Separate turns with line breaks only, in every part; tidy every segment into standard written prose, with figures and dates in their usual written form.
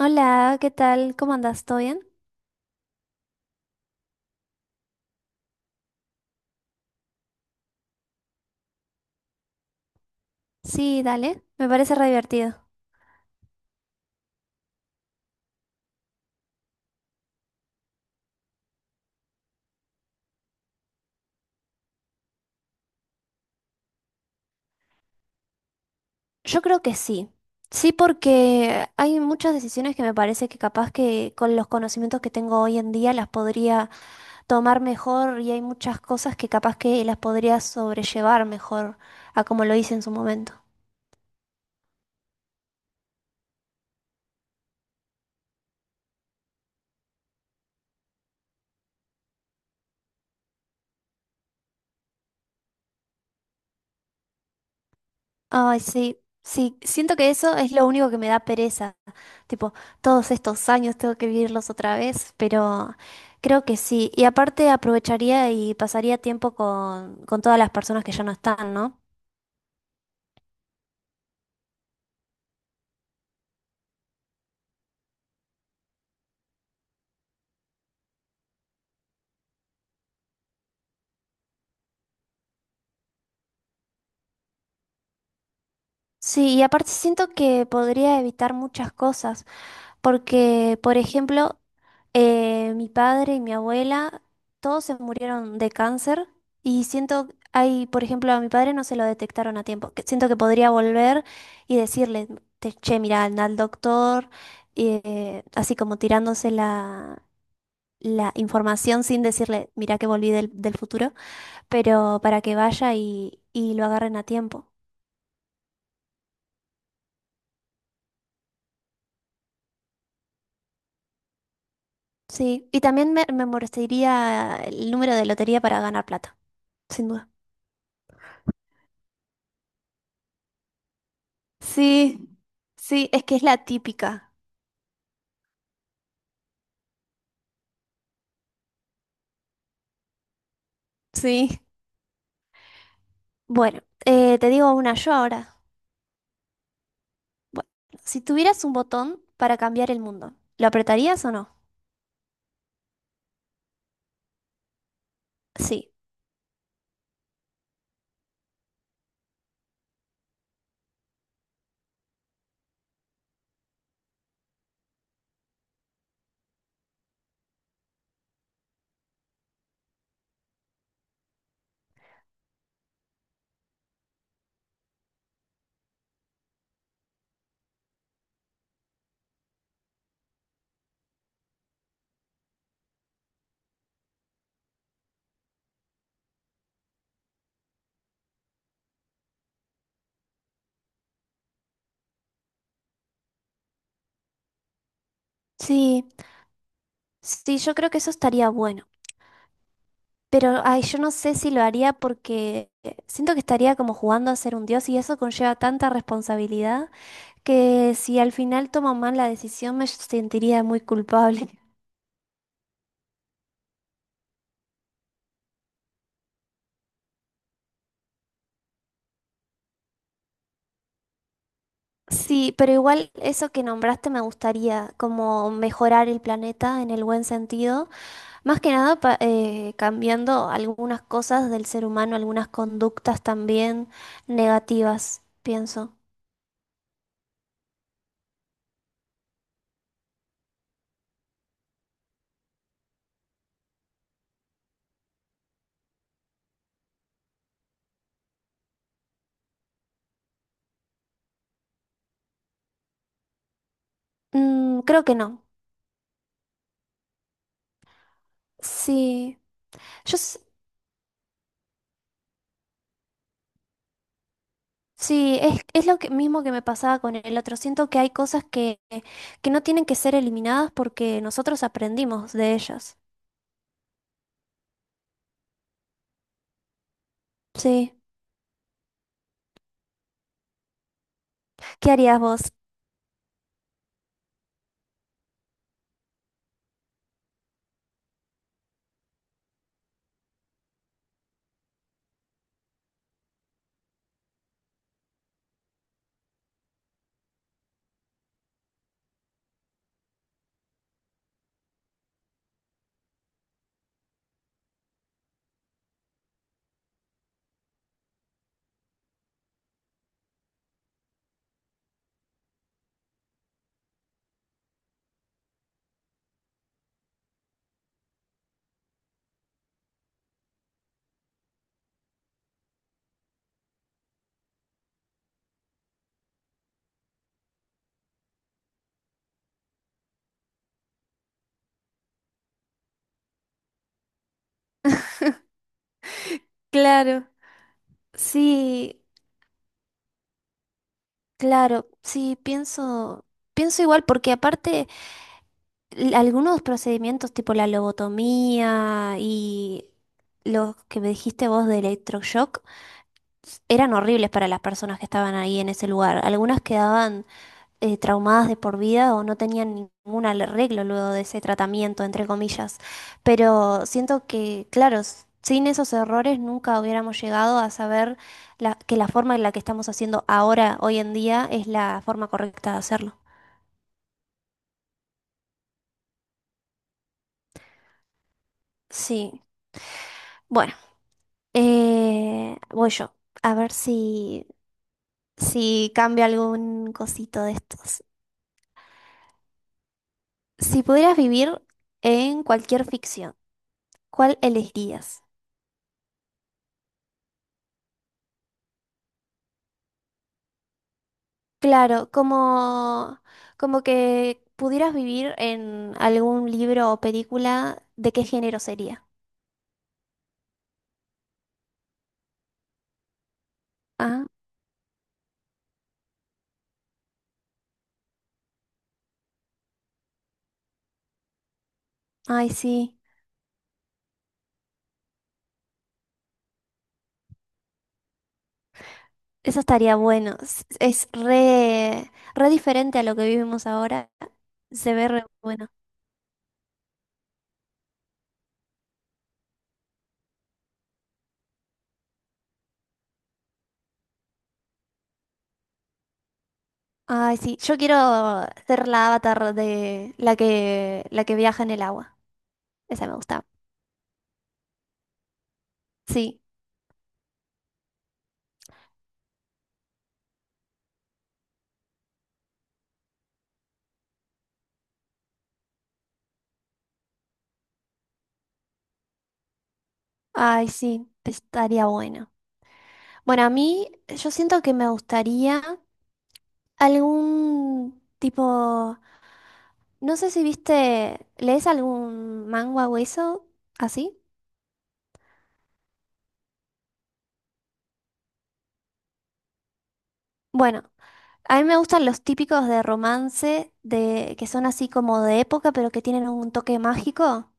Hola, ¿qué tal? ¿Cómo andas? ¿Todo bien? Sí, dale, me parece re divertido. Yo creo que sí. Sí, porque hay muchas decisiones que me parece que capaz que con los conocimientos que tengo hoy en día las podría tomar mejor y hay muchas cosas que capaz que las podría sobrellevar mejor a como lo hice en su momento. Ay, sí, sí, siento que eso es lo único que me da pereza. Tipo, todos estos años tengo que vivirlos otra vez, pero creo que sí. Y aparte aprovecharía y pasaría tiempo con todas las personas que ya no están, ¿no? Sí, y aparte siento que podría evitar muchas cosas, porque, por ejemplo, mi padre y mi abuela, todos se murieron de cáncer y siento, hay, por ejemplo, a mi padre no se lo detectaron a tiempo. Que Siento que podría volver y decirle, che, mira, anda al doctor, así como tirándose la información sin decirle, mira que volví del futuro, pero para que vaya y lo agarren a tiempo. Sí, y también me molestaría el número de lotería para ganar plata, sin duda. Sí, sí, es que es la típica. Sí. Bueno, te digo una yo ahora. Bueno, si tuvieras un botón para cambiar el mundo, ¿lo apretarías o no? Sí, sí, sí, yo creo que eso estaría bueno. Pero, ay, yo no sé si lo haría porque siento que estaría como jugando a ser un dios y eso conlleva tanta responsabilidad que si al final tomo mal la decisión me sentiría muy culpable. Sí, pero igual eso que nombraste me gustaría, como mejorar el planeta en el buen sentido, más que nada cambiando algunas cosas del ser humano, algunas conductas también negativas, pienso. Mm, creo que no. Sí, yo s- sí, es lo que, mismo que me pasaba con el otro. Siento que hay cosas que no tienen que ser eliminadas porque nosotros aprendimos de ellas. Sí. ¿Qué harías vos? Claro. Sí. Claro, sí, pienso, pienso igual, porque aparte algunos procedimientos tipo la lobotomía y los que me dijiste vos de electroshock eran horribles para las personas que estaban ahí en ese lugar. Algunas quedaban traumadas de por vida o no tenían ningún arreglo luego de ese tratamiento, entre comillas. Pero siento que, claro, sin esos errores nunca hubiéramos llegado a saber que la forma en la que estamos haciendo ahora, hoy en día, es la forma correcta de hacerlo. Sí, bueno, voy yo. A ver si cambio algún cosito de estos. Si pudieras vivir en cualquier ficción, ¿cuál elegirías? Claro, como que pudieras vivir en algún libro o película, ¿de qué género sería? Ah, ay, sí, eso estaría bueno. Es re, re diferente a lo que vivimos ahora. Se ve re bueno. Ay, sí, yo quiero ser la avatar de la que viaja en el agua. Esa me gusta. Sí, ay, sí, estaría bueno. Bueno, a mí, yo siento que me gustaría algún tipo, no sé si viste, ¿lees algún manga o eso? ¿Así? Bueno, a mí me gustan los típicos de romance, de, que son así como de época, pero que tienen un toque mágico,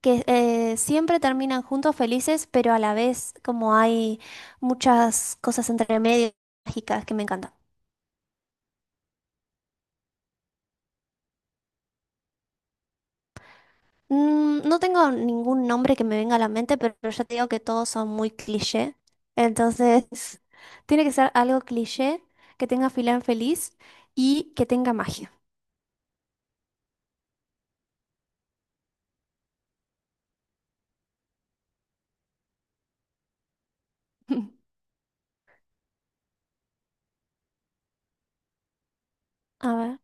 que siempre terminan juntos felices, pero a la vez como hay muchas cosas entre medio mágicas que me encantan. Mm, no tengo ningún nombre que me venga a la mente, pero ya te digo que todos son muy cliché. Entonces, tiene que ser algo cliché, que tenga filán feliz y que tenga magia. A ver.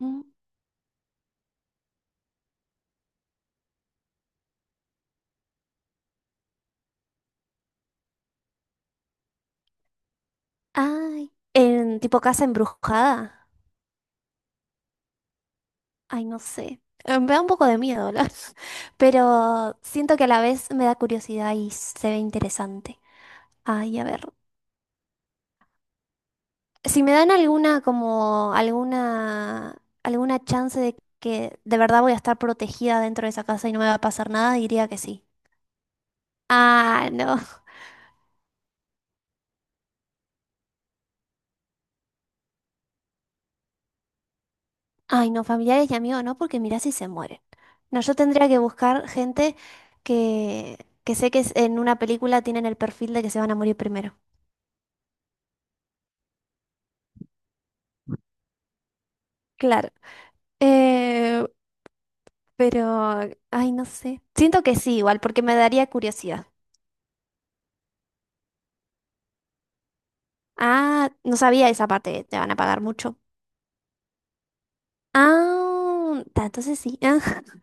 mm, Ay, en tipo casa embrujada. Ay, no sé. Me da un poco de miedo, pero siento que a la vez me da curiosidad y se ve interesante. Ay, a ver. Si me dan alguna como alguna chance de que de verdad voy a estar protegida dentro de esa casa y no me va a pasar nada, diría que sí. Ah, no. Ay, no, familiares y amigos no, porque mirá si se mueren. No, yo tendría que buscar gente que, que sé que en una película tienen el perfil de que se van a morir primero. Claro. Eh, pero, ay, no sé. Siento que sí, igual, porque me daría curiosidad. Ah, no sabía esa parte, te van a pagar mucho. Ah, ta, entonces sí.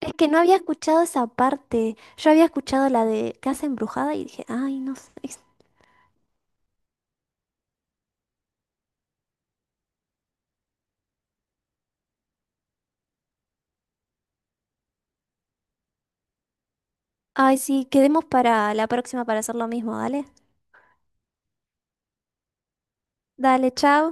Es que no había escuchado esa parte. Yo había escuchado la de Casa Embrujada y dije, ay, no sé. Ay, sí, quedemos para la próxima para hacer lo mismo, dale. Dale, chao.